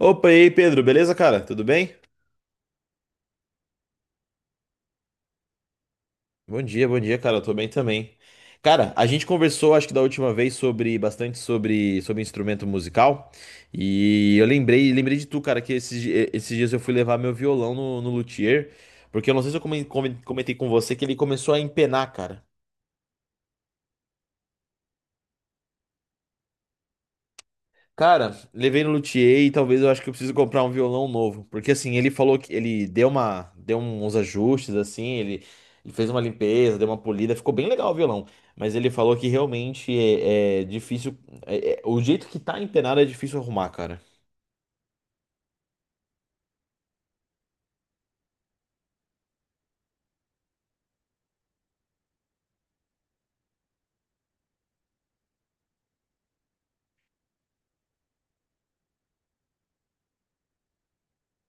Opa, e aí, Pedro, beleza, cara? Tudo bem? Bom dia, cara. Eu tô bem também. Cara, a gente conversou, acho que da última vez, sobre bastante sobre instrumento musical. E eu lembrei de tu, cara, que esses, esses dias eu fui levar meu violão no luthier, porque eu não sei se eu comentei com você que ele começou a empenar, cara. Cara, levei no luthier e talvez eu acho que eu preciso comprar um violão novo. Porque assim, ele falou que ele deu uns ajustes assim, ele fez uma limpeza, deu uma polida, ficou bem legal o violão. Mas ele falou que realmente é difícil, o jeito que tá empenado é difícil arrumar, cara.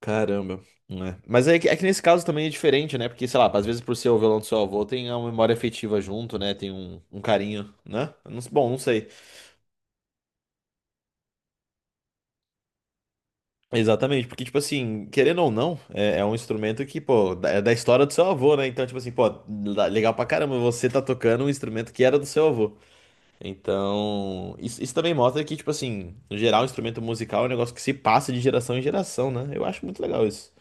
Caramba, né? Mas é que nesse caso também é diferente, né? Porque, sei lá, às vezes por ser o violão do seu avô tem uma memória afetiva junto, né? Tem um carinho, né? Eu não- Bom, não sei. Exatamente, porque, tipo assim, querendo ou não, é um instrumento que, pô, é da história do seu avô, né? Então, tipo assim, pô, legal pra caramba, você tá tocando um instrumento que era do seu avô. Então, isso também mostra que, tipo assim, no geral, um instrumento musical é um negócio que se passa de geração em geração, né? Eu acho muito legal isso.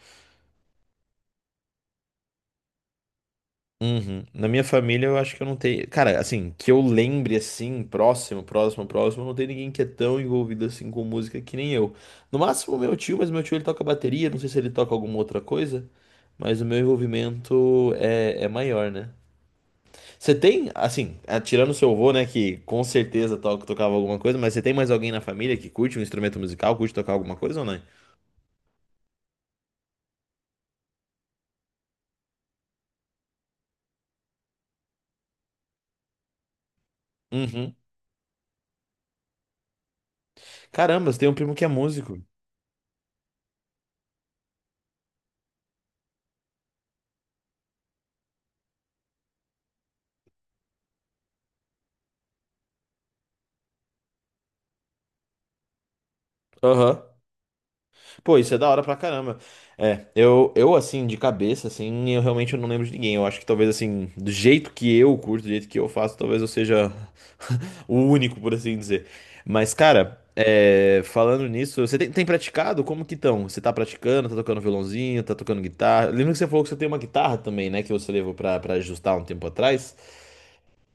Uhum. Na minha família, eu acho que eu não tenho. Cara, assim, que eu lembre assim, próximo, não tem ninguém que é tão envolvido assim com música que nem eu. No máximo, meu tio, mas meu tio ele toca bateria, não sei se ele toca alguma outra coisa, mas o meu envolvimento é maior, né? Você tem, assim, ah, tirando seu avô, né, que com certeza toca, tocava alguma coisa, mas você tem mais alguém na família que curte um instrumento musical, curte tocar alguma coisa ou não? Uhum. Caramba, você tem um primo que é músico. Aham. Pô, isso é da hora pra caramba. Eu assim, de cabeça, assim, eu realmente não lembro de ninguém. Eu acho que talvez, assim, do jeito que eu curto, do jeito que eu faço, talvez eu seja o único, por assim dizer. Mas, cara, é, falando nisso, tem praticado? Como que estão? Você tá praticando? Tá tocando violãozinho? Tá tocando guitarra? Lembra que você falou que você tem uma guitarra também, né? Que você levou pra ajustar um tempo atrás.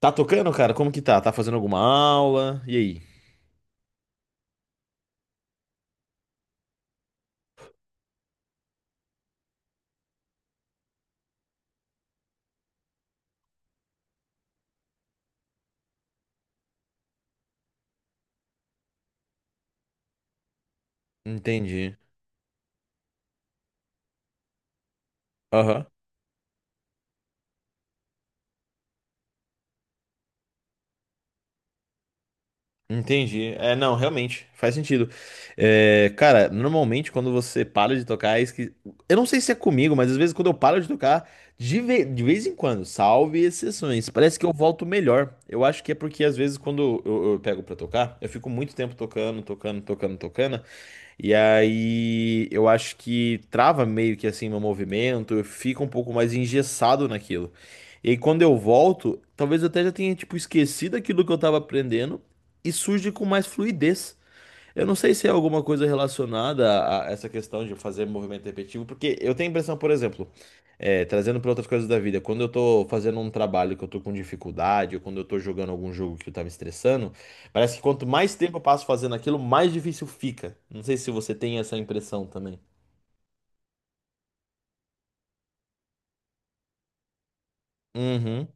Tá tocando, cara? Como que tá? Tá fazendo alguma aula? E aí? Entendi. Aham. Entendi. É, não, realmente, faz sentido. É, cara, normalmente quando você para de tocar, é esqui... eu não sei se é comigo, mas às vezes quando eu paro de tocar, de, de vez em quando, salve exceções, parece que eu volto melhor. Eu acho que é porque às vezes quando eu pego pra tocar, eu fico muito tempo tocando. E aí eu acho que trava meio que assim meu movimento, eu fico um pouco mais engessado naquilo. E aí quando eu volto, talvez eu até já tenha tipo esquecido aquilo que eu tava aprendendo e surge com mais fluidez. Eu não sei se é alguma coisa relacionada a essa questão de fazer movimento repetitivo, porque eu tenho a impressão, por exemplo, é, trazendo para outras coisas da vida, quando eu tô fazendo um trabalho que eu tô com dificuldade, ou quando eu tô jogando algum jogo que tá me estressando, parece que quanto mais tempo eu passo fazendo aquilo, mais difícil fica. Não sei se você tem essa impressão também. Uhum.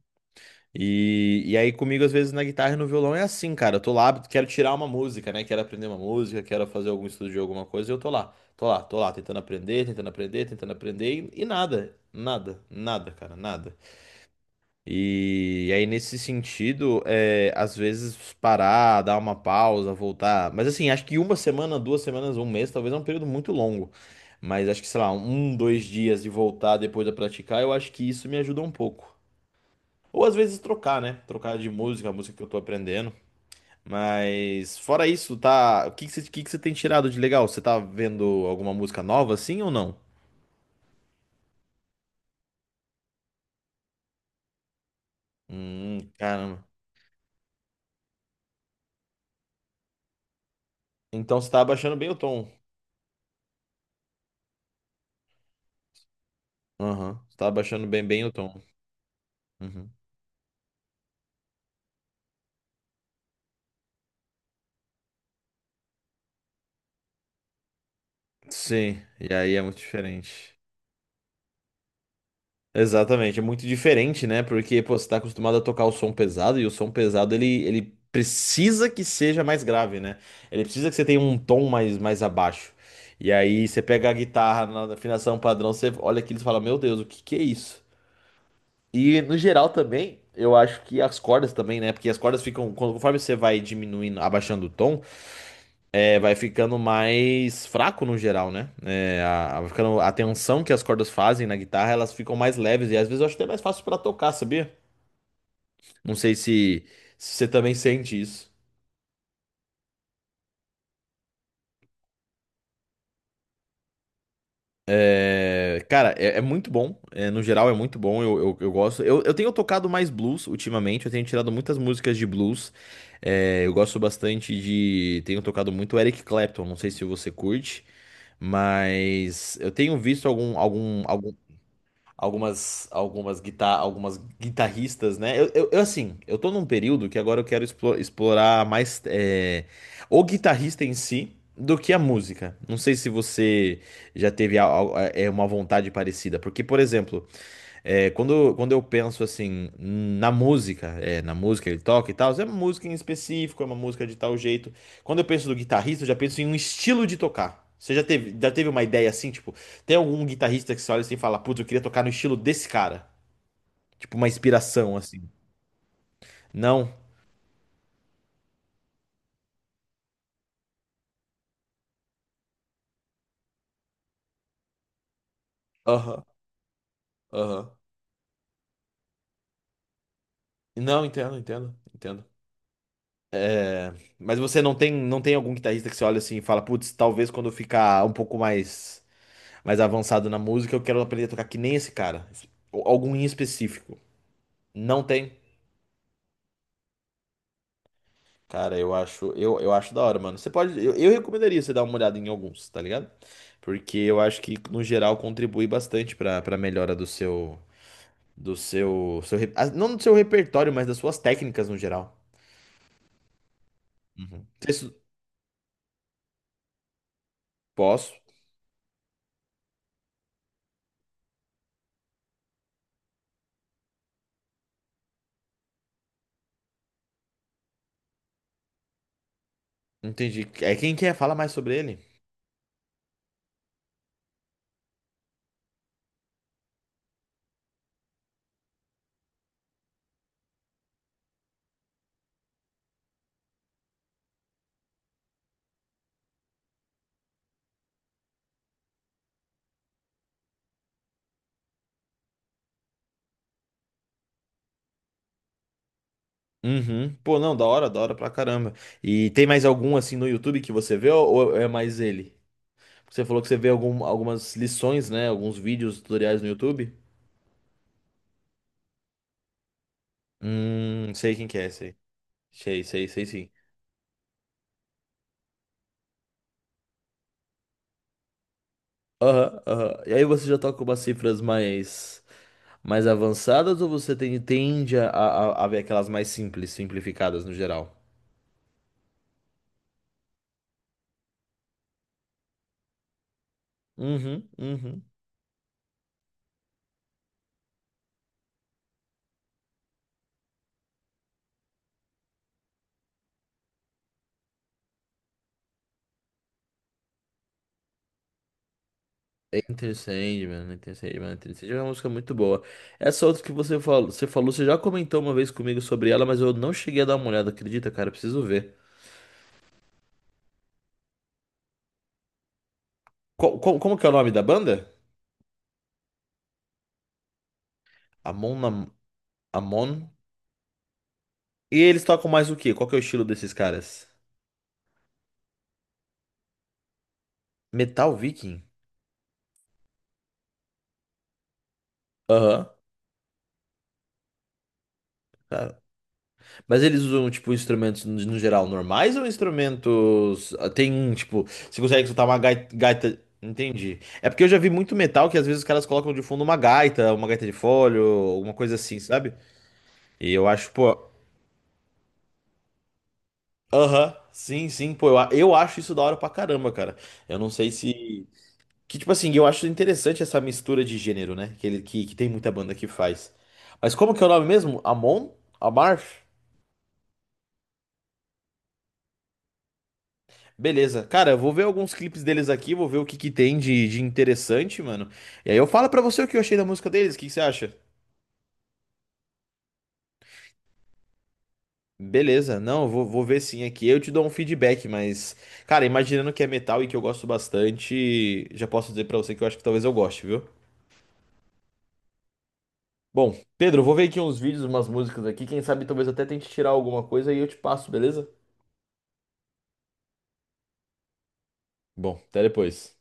E aí comigo, às vezes, na guitarra e no violão é assim, cara. Eu tô lá, quero tirar uma música, né? Quero aprender uma música, quero fazer algum estudo de alguma coisa, e eu tô lá. Tô lá, tentando aprender, e nada, cara, nada. E aí, nesse sentido, é, às vezes parar, dar uma pausa, voltar. Mas assim, acho que uma semana, duas semanas, um mês, talvez é um período muito longo. Mas acho que, sei lá, um, dois dias de voltar depois a praticar, eu acho que isso me ajuda um pouco. Ou às vezes trocar, né? Trocar de música, a música que eu tô aprendendo. Mas fora isso, tá? O que que você tem tirado de legal? Você tá vendo alguma música nova assim ou não? Caramba. Então você tá abaixando bem o tom. Aham. Você tá abaixando bem o tom. Uhum. Sim, e aí é muito diferente. Exatamente, é muito diferente, né? Porque, pô, você tá acostumado a tocar o som pesado e o som pesado ele precisa que seja mais grave, né? Ele precisa que você tenha um tom mais abaixo. E aí você pega a guitarra na afinação padrão, você olha aquilo e fala: Meu Deus, o que que é isso? E no geral também, eu acho que as cordas também, né? Porque as cordas ficam, quando- conforme você vai diminuindo, abaixando o tom é, vai ficando mais fraco no geral, né? É, vai ficando, a tensão que as cordas fazem na guitarra, elas ficam mais leves e às vezes eu acho até mais fácil pra tocar, sabia? Não sei se, se você também sente isso. É, cara, é muito bom. É, no geral, é muito bom. Eu gosto. Eu tenho tocado mais blues ultimamente. Eu tenho tirado muitas músicas de blues. É, eu gosto bastante de. Tenho tocado muito Eric Clapton. Não sei se você curte, mas eu tenho visto alguns algumas guitarristas, né? Assim, eu tô num período que agora eu quero explorar mais é, o guitarrista em si do que a música. Não sei se você já teve é uma vontade parecida, porque, por exemplo, é, quando eu penso assim na música, é, na música ele toca e tal, é uma música em específico, é uma música de tal jeito. Quando eu penso do guitarrista, eu já penso em um estilo de tocar. Já teve uma ideia assim, tipo, tem algum guitarrista que você olha assim e fala, putz, eu queria tocar no estilo desse cara? Tipo, uma inspiração assim. Não? Aham, aham. Não, entendo. É, mas você não tem, não tem algum guitarrista que você olha assim e fala, putz, talvez quando eu ficar um pouco mais avançado na música, eu quero aprender a tocar que nem esse cara. Ou Algum em específico. Não tem. Cara, eu acho da hora, mano. Você pode, eu recomendaria você dar uma olhada em alguns, tá ligado? Porque eu acho que no geral contribui bastante pra para melhora do seu, seu re- ah, não do seu repertório, mas das suas técnicas no geral. Uhum. Isso, posso? Entendi. É quem quer fala mais sobre ele? Uhum. Pô, não, da hora pra caramba. E tem mais algum assim no YouTube que você vê ou é mais ele? Você falou que você vê algumas lições, né? Alguns vídeos, tutoriais no YouTube. Sei quem que é, sei. Sei sim. Aham. E aí você já toca umas cifras mais, mais avançadas ou você tende a ver aquelas mais simples, simplificadas no geral? Uhum. Enter Sandman, Enter Sandman é uma música muito boa. Essa outra que você falou, você já comentou uma vez comigo sobre ela, mas eu não cheguei a dar uma olhada, acredita, cara? Eu Preciso ver. Como que é o nome da banda? Amon Amon. E eles tocam mais o quê? Qual que é o estilo desses caras? Metal Viking? Aham. Mas eles usam, tipo, instrumentos no geral normais ou instrumentos. Ah, Tem, um, tipo, você consegue soltar uma gaita. Entendi. É porque eu já vi muito metal que às vezes os caras colocam de fundo uma gaita de fole, ou alguma coisa assim, sabe? E eu acho, pô. Aham, sim, pô. Eu acho isso da hora pra caramba, cara. Eu não sei se. Que, tipo assim, eu acho interessante essa mistura de gênero, né? Que tem muita banda que faz. Mas como que é o nome mesmo? Amon? Amarth? Beleza. Cara, eu vou ver alguns clipes deles aqui, vou ver o que que tem de interessante, mano. E aí eu falo pra você o que eu achei da música deles, o que que você acha? Beleza, não, vou ver sim aqui. Eu te dou um feedback, mas, cara, imaginando que é metal e que eu gosto bastante, já posso dizer pra você que eu acho que talvez eu goste, viu? Bom, Pedro, eu vou ver aqui uns vídeos, umas músicas aqui. Quem sabe talvez eu até tente tirar alguma coisa e eu te passo, beleza? Bom, até depois.